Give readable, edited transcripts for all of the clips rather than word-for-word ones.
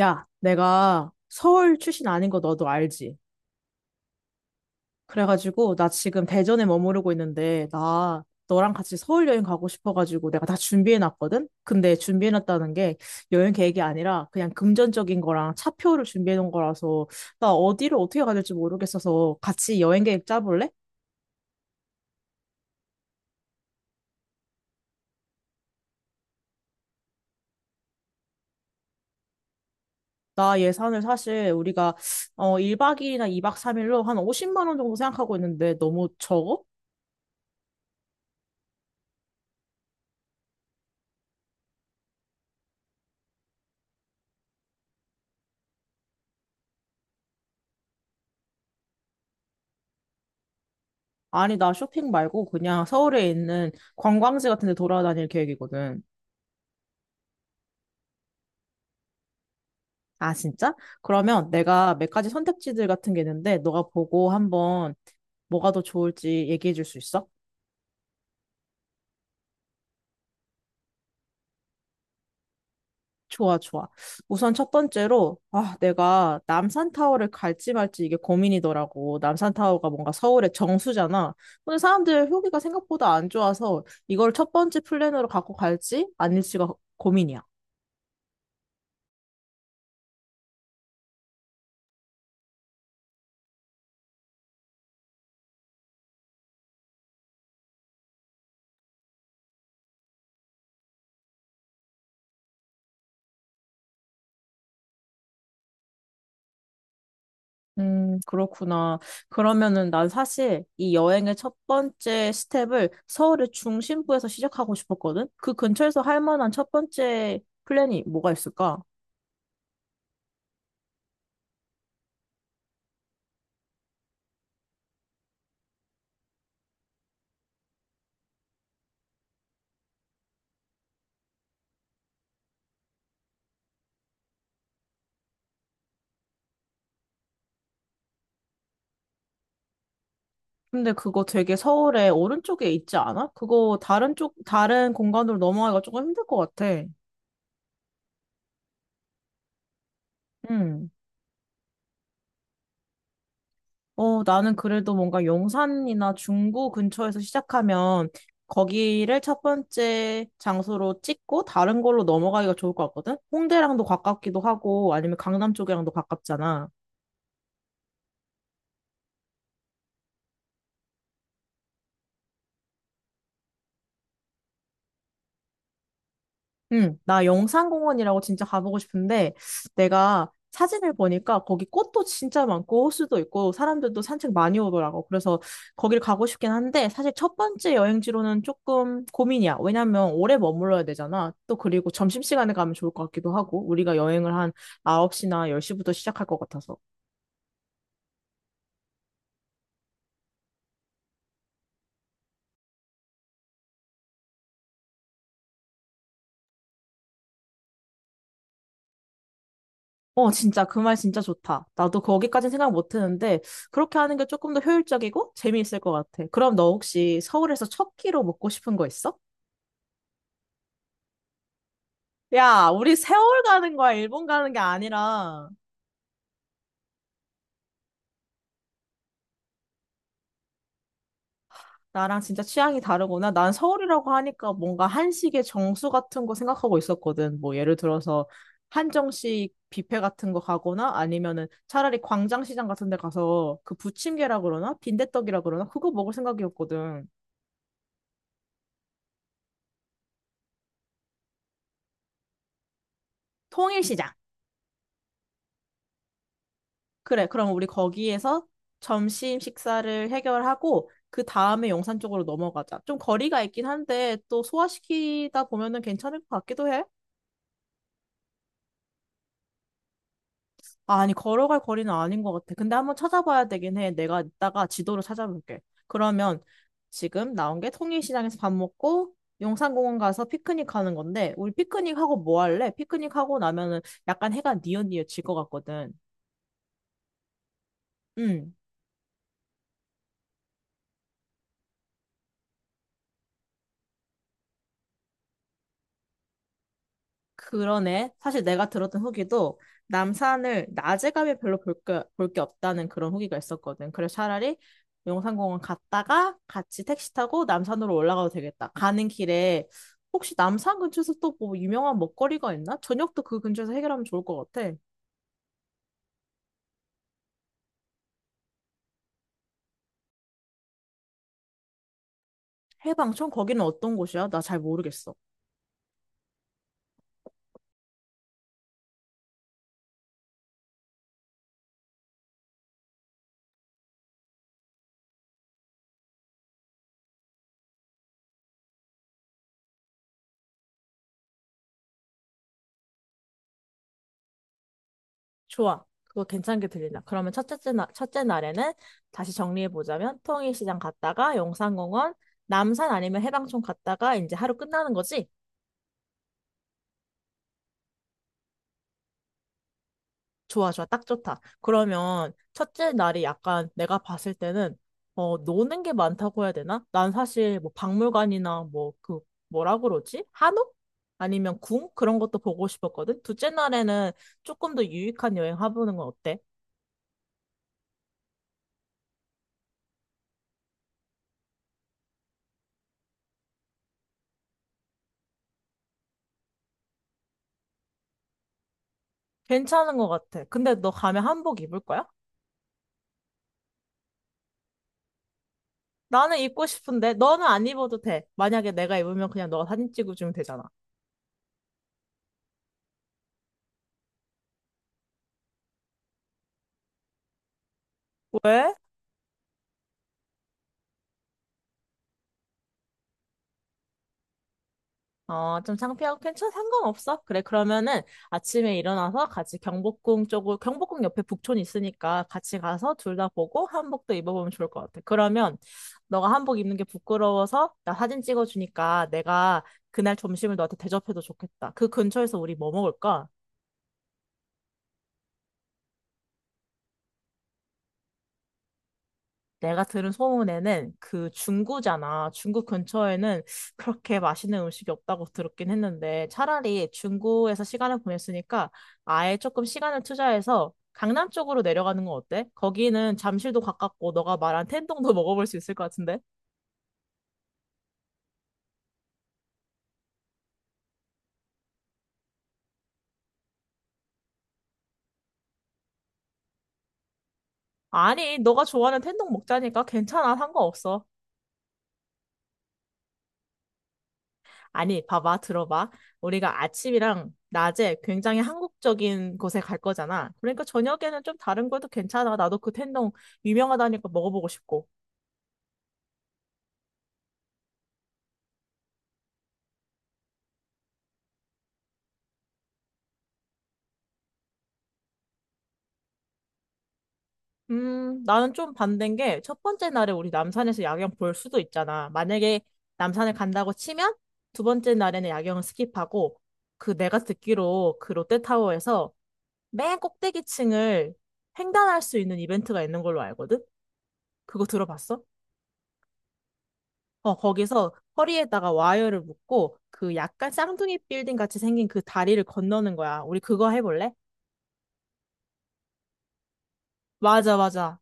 야, 내가 서울 출신 아닌 거 너도 알지? 그래가지고, 나 지금 대전에 머무르고 있는데, 나 너랑 같이 서울 여행 가고 싶어가지고, 내가 다 준비해놨거든? 근데 준비해놨다는 게 여행 계획이 아니라 그냥 금전적인 거랑 차표를 준비해놓은 거라서, 나 어디를 어떻게 가야 될지 모르겠어서 같이 여행 계획 짜볼래? 나 예산을 사실 우리가 1박 2일이나 2박 3일로 한 50만 원 정도 생각하고 있는데 너무 적어? 아니, 나 쇼핑 말고 그냥 서울에 있는 관광지 같은 데 돌아다닐 계획이거든. 아, 진짜? 그러면 내가 몇 가지 선택지들 같은 게 있는데, 너가 보고 한번 뭐가 더 좋을지 얘기해 줄 수 있어? 좋아, 좋아. 우선 첫 번째로, 아, 내가 남산타워를 갈지 말지 이게 고민이더라고. 남산타워가 뭔가 서울의 정수잖아. 근데 사람들 후기가 생각보다 안 좋아서 이걸 첫 번째 플랜으로 갖고 갈지 아닐지가 고민이야. 그렇구나. 그러면은 난 사실 이 여행의 첫 번째 스텝을 서울의 중심부에서 시작하고 싶었거든? 그 근처에서 할 만한 첫 번째 플랜이 뭐가 있을까? 근데 그거 되게 서울의 오른쪽에 있지 않아? 그거 다른 쪽, 다른 공간으로 넘어가기가 조금 힘들 것 같아. 음. 나는 그래도 뭔가 용산이나 중구 근처에서 시작하면 거기를 첫 번째 장소로 찍고 다른 걸로 넘어가기가 좋을 것 같거든? 홍대랑도 가깝기도 하고 아니면 강남 쪽이랑도 가깝잖아. 응, 나 영산공원이라고 진짜 가보고 싶은데, 내가 사진을 보니까 거기 꽃도 진짜 많고, 호수도 있고, 사람들도 산책 많이 오더라고. 그래서 거길 가고 싶긴 한데, 사실 첫 번째 여행지로는 조금 고민이야. 왜냐면 오래 머물러야 되잖아. 또 그리고 점심시간에 가면 좋을 것 같기도 하고, 우리가 여행을 한 9시나 10시부터 시작할 것 같아서. 어, 진짜, 그 말 진짜 좋다. 나도 거기까진 생각 못 했는데, 그렇게 하는 게 조금 더 효율적이고 재미있을 것 같아. 그럼 너 혹시 서울에서 첫 끼로 먹고 싶은 거 있어? 야, 우리 세월 가는 거야, 일본 가는 게 아니라. 나랑 진짜 취향이 다르구나. 난 서울이라고 하니까 뭔가 한식의 정수 같은 거 생각하고 있었거든. 뭐 예를 들어서 한정식 뷔페 같은 거 가거나 아니면은 차라리 광장시장 같은 데 가서 그 부침개라 그러나 빈대떡이라 그러나 그거 먹을 생각이었거든. 통일시장. 그래, 그럼 우리 거기에서 점심 식사를 해결하고 그 다음에 용산 쪽으로 넘어가자. 좀 거리가 있긴 한데 또 소화시키다 보면은 괜찮을 것 같기도 해. 아, 아니, 걸어갈 거리는 아닌 것 같아. 근데 한번 찾아봐야 되긴 해. 내가 이따가 지도를 찾아볼게. 그러면 지금 나온 게 통일시장에서 밥 먹고 용산공원 가서 피크닉 하는 건데, 우리 피크닉 하고 뭐 할래? 피크닉 하고 나면은 약간 해가 뉘엿뉘엿 질것 같거든. 응. 그러네. 사실 내가 들었던 후기도 남산을 낮에 가면 별로 볼 게 없다는 그런 후기가 있었거든. 그래서 차라리 용산공원 갔다가 같이 택시 타고 남산으로 올라가도 되겠다. 가는 길에 혹시 남산 근처에서 또 뭐 유명한 먹거리가 있나? 저녁도 그 근처에서 해결하면 좋을 것 같아. 해방촌? 거기는 어떤 곳이야? 나 잘 모르겠어. 좋아. 그거 괜찮게 들린다. 그러면 첫째 날, 첫째 날에는 다시 정리해보자면 통일시장 갔다가 용산공원, 남산 아니면 해방촌 갔다가 이제 하루 끝나는 거지? 좋아, 좋아. 딱 좋다. 그러면 첫째 날이 약간 내가 봤을 때는 노는 게 많다고 해야 되나? 난 사실 뭐 박물관이나 뭐 그 뭐라 그러지? 한옥? 아니면 궁? 그런 것도 보고 싶었거든. 둘째 날에는 조금 더 유익한 여행 해보는 건 어때? 괜찮은 것 같아. 근데 너 가면 한복 입을 거야? 나는 입고 싶은데 너는 안 입어도 돼. 만약에 내가 입으면 그냥 너가 사진 찍어주면 되잖아. 왜? 어, 좀 창피하고 괜찮아. 상관없어. 그래, 그러면은 아침에 일어나서 같이 경복궁 쪽으로, 경복궁 옆에 북촌 있으니까 같이 가서 둘 다 보고 한복도 입어보면 좋을 것 같아. 그러면 너가 한복 입는 게 부끄러워서 나 사진 찍어주니까 내가 그날 점심을 너한테 대접해도 좋겠다. 그 근처에서 우리 뭐 먹을까? 내가 들은 소문에는 그 중구잖아. 중구 근처에는 그렇게 맛있는 음식이 없다고 들었긴 했는데 차라리 중구에서 시간을 보냈으니까 아예 조금 시간을 투자해서 강남 쪽으로 내려가는 건 어때? 거기는 잠실도 가깝고 너가 말한 텐동도 먹어볼 수 있을 것 같은데? 아니, 너가 좋아하는 텐동 먹자니까 괜찮아. 상관없어. 아니, 봐봐, 들어봐. 우리가 아침이랑 낮에 굉장히 한국적인 곳에 갈 거잖아. 그러니까 저녁에는 좀 다른 것도 괜찮아. 나도 그 텐동 유명하다니까 먹어보고 싶고. 나는 좀 반대인 게 첫 번째 날에 우리 남산에서 야경 볼 수도 있잖아. 만약에 남산을 간다고 치면 두 번째 날에는 야경을 스킵하고 그 내가 듣기로 그 롯데타워에서 맨 꼭대기 층을 횡단할 수 있는 이벤트가 있는 걸로 알거든? 그거 들어봤어? 거기서 허리에다가 와이어를 묶고 그 약간 쌍둥이 빌딩 같이 생긴 그 다리를 건너는 거야. 우리 그거 해볼래? 맞아, 맞아.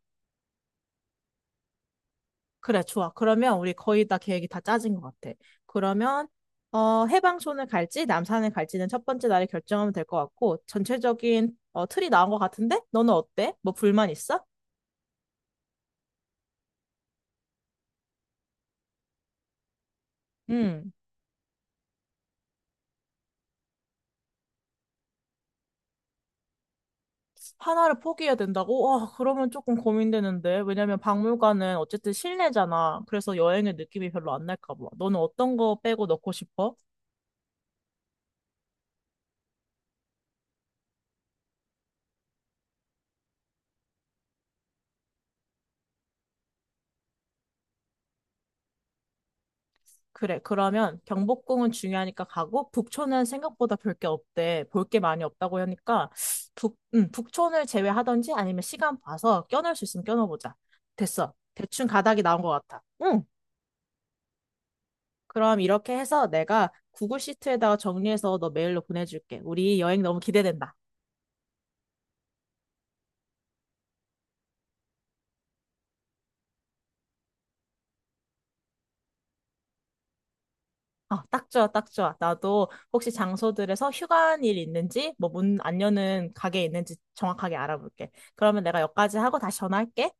그래, 좋아. 그러면 우리 거의 다 계획이 다 짜진 것 같아. 그러면 해방촌을 갈지 남산을 갈지는 첫 번째 날에 결정하면 될 것 같고 전체적인 틀이 나온 것 같은데? 너는 어때? 뭐 불만 있어? 응. 하나를 포기해야 된다고? 와, 그러면 조금 고민되는데. 왜냐면 박물관은 어쨌든 실내잖아. 그래서 여행의 느낌이 별로 안 날까 봐. 너는 어떤 거 빼고 넣고 싶어? 그래, 그러면 경복궁은 중요하니까 가고, 북촌은 생각보다 볼 게 없대. 볼 게 많이 없다고 하니까, 북촌을 제외하던지 아니면 시간 봐서 껴넣을 수 있으면 껴넣어보자. 됐어. 대충 가닥이 나온 것 같아. 응. 그럼 이렇게 해서 내가 구글 시트에다가 정리해서 너 메일로 보내줄게. 우리 여행 너무 기대된다. 아, 딱 좋아, 딱 좋아. 나도 혹시 장소들에서 휴관일 있는지, 뭐 문 안 여는 가게 있는지 정확하게 알아볼게. 그러면 내가 여기까지 하고 다시 전화할게.